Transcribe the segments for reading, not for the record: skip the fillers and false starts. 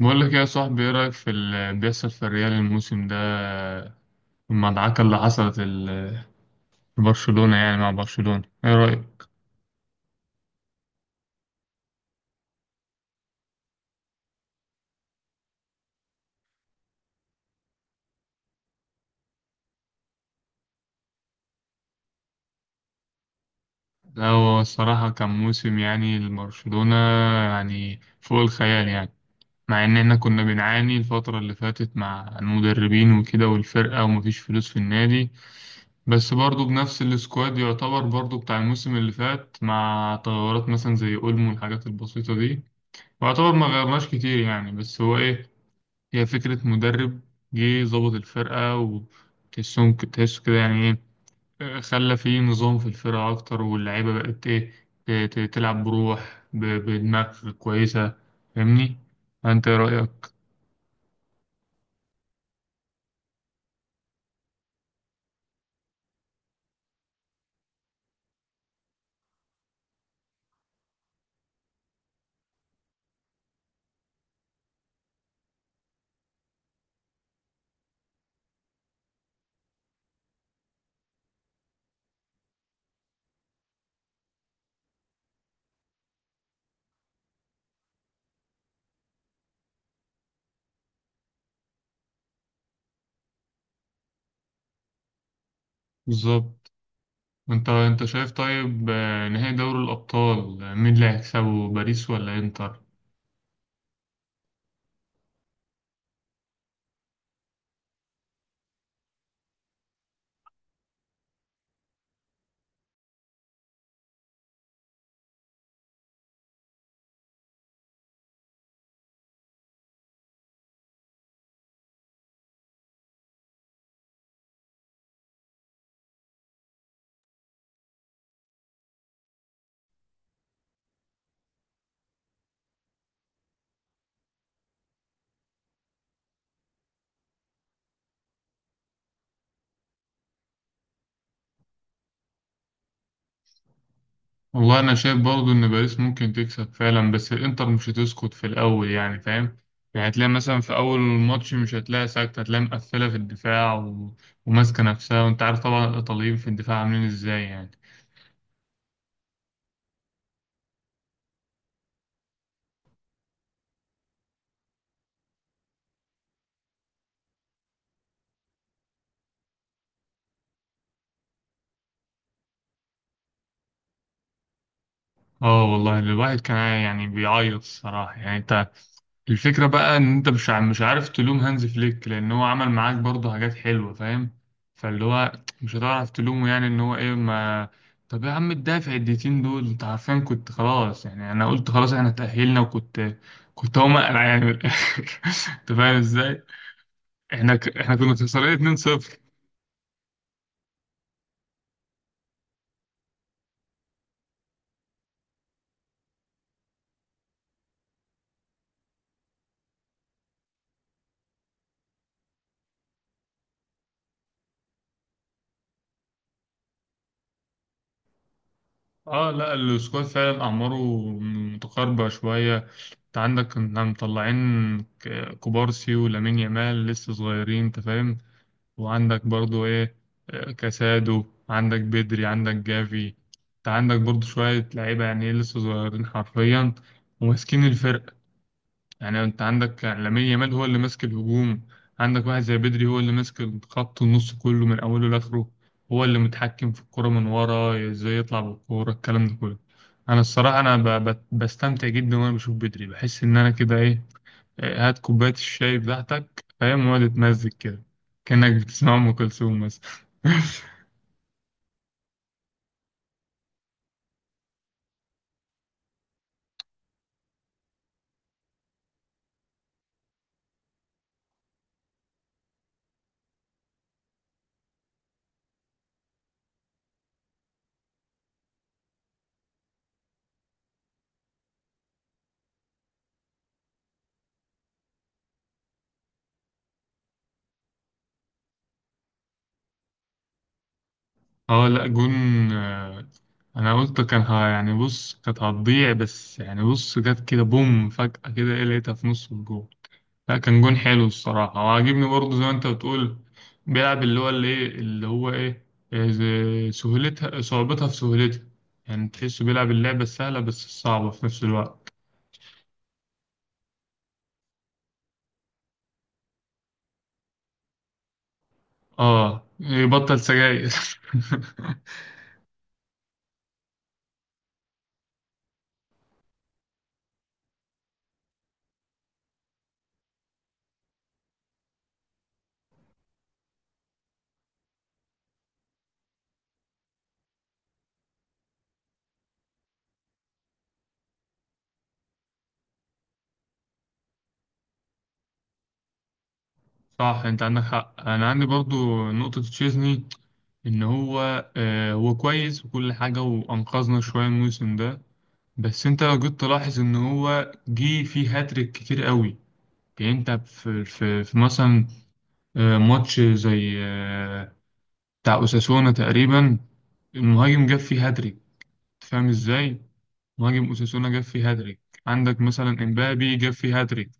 بقول لك إيه يا صاحبي، ايه رأيك في اللي بيحصل في الريال الموسم ده؟ المدعكة اللي حصلت في برشلونة، يعني مع برشلونة، ايه رأيك؟ لا، هو الصراحة كان موسم يعني لبرشلونة، يعني فوق الخيال يعني. مع ان احنا كنا بنعاني الفترة اللي فاتت مع المدربين وكده، والفرقة، ومفيش فلوس في النادي. بس برضو بنفس السكواد، يعتبر برضو بتاع الموسم اللي فات، مع تغيرات مثلا زي اولمو والحاجات البسيطة دي. ويعتبر ما غيرناش كتير يعني، بس هو ايه، هي فكرة مدرب. جه ظبط الفرقة وتحسهم تحسه كده، يعني إيه، خلى في نظام في الفرقة أكتر، واللعيبة بقت إيه، تلعب بروح، بدماغ كويسة. فاهمني؟ أنت إيه رأيك؟ بالظبط. أنت شايف، طيب، نهائي دوري الأبطال، مين اللي هيكسبه، باريس ولا إنتر؟ والله انا شايف برضه ان باريس ممكن تكسب فعلا، بس الانتر مش هتسكت في الاول يعني، فاهم؟ يعني هتلاقي مثلا في اول الماتش مش هتلاقي ساكت، هتلاقي مقفله في الدفاع وماسكه نفسها، وانت عارف طبعا الايطاليين في الدفاع عاملين ازاي يعني. اه والله، الواحد كان يعني بيعيط الصراحة يعني، انت الفكرة بقى ان انت مش عارف تلوم هانز فليك، لان هو عمل معاك برضه حاجات حلوة، فاهم؟ فاللي هو مش هتعرف تلومه يعني، ان هو ايه، ما. طب يا عم، الدافع الدقيقتين دول، انت عارفين كنت خلاص يعني، انا قلت خلاص احنا تأهلنا، وكنت هقوم اقلع يعني من الاخر انت فاهم ازاي. احنا كنا خسرانين 2-0. اه لا، السكواد فعلا اعماره متقاربه شويه. انت عندك كنا مطلعين كوبارسي ولامين يامال لسه صغيرين، انت فاهم، وعندك برضو ايه، كاسادو، عندك بدري، عندك جافي. انت عندك برضو شويه لعيبه يعني إيه لسه صغيرين حرفيا، وماسكين الفرقه. يعني انت عندك لامين يامال هو اللي ماسك الهجوم، عندك واحد زي بدري هو اللي ماسك خط النص كله من اوله لاخره، هو اللي متحكم في الكرة من ورا ازاي يطلع بالكورة، الكلام ده كله. انا الصراحة، انا بستمتع جدا وانا بشوف بدري، بحس ان انا كده ايه، إيه، هات كوباية الشاي بتاعتك، فاهم، وقعد تمزج كده كأنك بتسمع ام كلثوم مثلا. اه لا، جون، آه، انا قلت كان ها يعني، بص كانت هتضيع بس، يعني بص جت كده بوم فجأة كده ايه، لقيتها في نص الجون. لا كان جون حلو الصراحة، وعاجبني برضه زي ما انت بتقول، بيلعب اللي هو اللي ايه اللي هو ايه، إيه سهولتها صعوبتها في سهولتها، يعني تحسه بيلعب اللعبة السهلة بس الصعبة في نفس الوقت. اه، يبطل سجاير. صح، انت عندك حق، انا عندي برضو نقطة تشيزني، ان هو هو كويس وكل حاجة، وانقذنا شوية الموسم ده، بس انت لو جيت تلاحظ ان هو جه فيه هاتريك كتير قوي. يعني انت في مثلا ماتش زي بتاع أوساسونا تقريبا، المهاجم جاب فيه هاتريك، فاهم ازاي؟ مهاجم أوساسونا جاب فيه هاتريك، عندك مثلا امبابي جاب فيه هاتريك.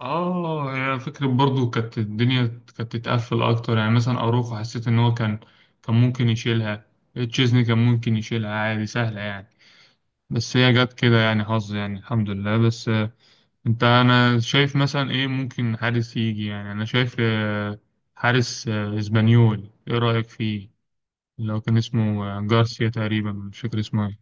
اه، هي فكرة برضو، كانت الدنيا كانت تتقفل اكتر يعني، مثلا اروخو حسيت ان هو كان ممكن يشيلها، تشيزني كان ممكن يشيلها عادي، سهلة يعني، بس هي جت كده يعني حظ، يعني الحمد لله، بس انت، انا شايف مثلا ايه ممكن حارس يجي، يعني انا شايف حارس اسبانيول، ايه رأيك فيه، لو كان اسمه جارسيا تقريبا، مش فاكر اسمه ايه.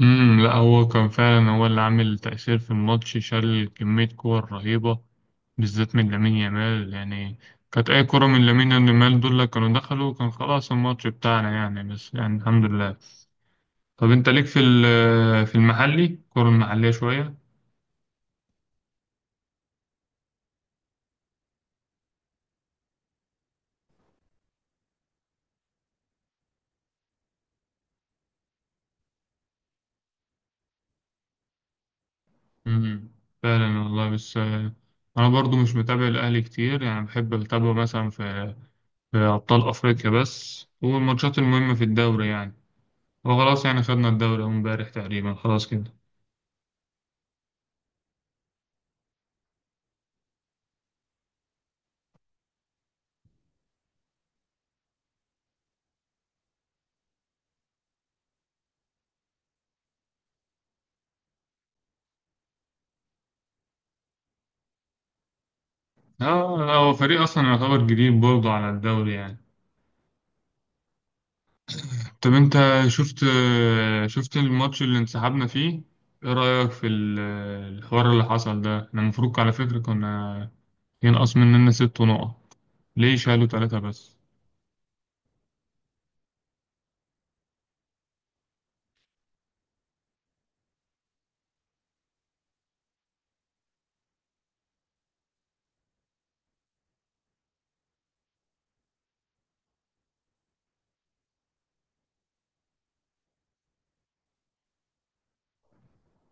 لا، هو كان فعلا هو اللي عامل تأثير في الماتش، شال كمية كور رهيبة، بالذات من لامين يامال يعني، كانت اي كرة من لامين يامال دول اللي كانوا دخلوا كان خلاص الماتش بتاعنا يعني، بس يعني الحمد لله. طب انت ليك في في المحلي، الكرة المحلية شوية؟ مم. فعلا والله، بس انا برضو مش متابع الاهلي كتير يعني، بحب اتابعه مثلا في ابطال افريقيا بس، والماتشات المهمه في الدوري يعني، وخلاص يعني، خدنا الدوري أهو امبارح تقريبا، خلاص كده. اه، هو فريق اصلا يعتبر جديد برضه على الدوري يعني. طب انت شفت الماتش اللي انسحبنا فيه، ايه رايك في الحوار اللي حصل ده؟ احنا المفروض على فكره كنا ينقص مننا 6 نقط، ليه شالوا 3 بس؟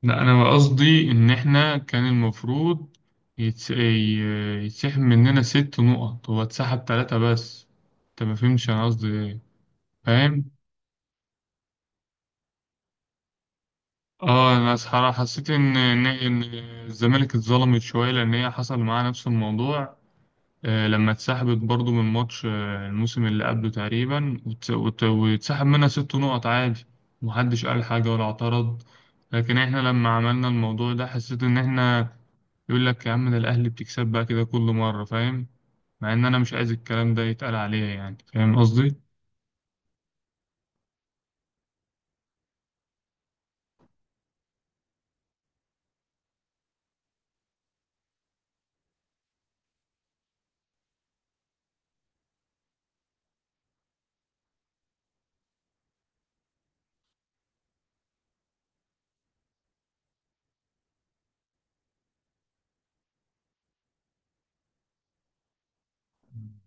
لا، انا قصدي ان احنا كان المفروض يتسحب مننا 6 نقط، هو اتسحب 3 بس، انت ما فهمتش انا قصدي ايه، فاهم؟ اه، انا صراحة حسيت ان إن الزمالك اتظلمت شوية، لان هي حصل معاها نفس الموضوع، لما اتسحبت برضو من ماتش الموسم اللي قبله تقريبا، واتسحب منها 6 نقط عادي، محدش قال حاجة ولا اعترض. لكن احنا لما عملنا الموضوع ده، حسيت ان احنا، يقول لك يا عم ده الأهلي بتكسب بقى كده كل مرة، فاهم، مع إن أنا مش عايز الكلام ده يتقال عليا يعني، فاهم قصدي؟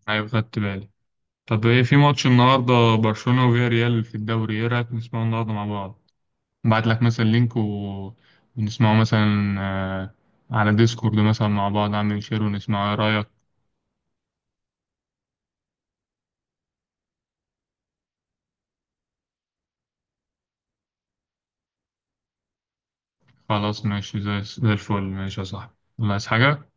أيوة، خدت بالي. طب إيه في ماتش النهاردة، برشلونة وفيا ريال في الدوري، إيه رأيك نسمعه النهاردة مع بعض؟ نبعت لك مثلا لينك، ونسمعه مثلا على ديسكورد مثلا مع بعض، أعمل شير، ونسمعه، إيه رأيك؟ خلاص ماشي، زي الفل، ماشي يا صاحبي. الله، عايز حاجة؟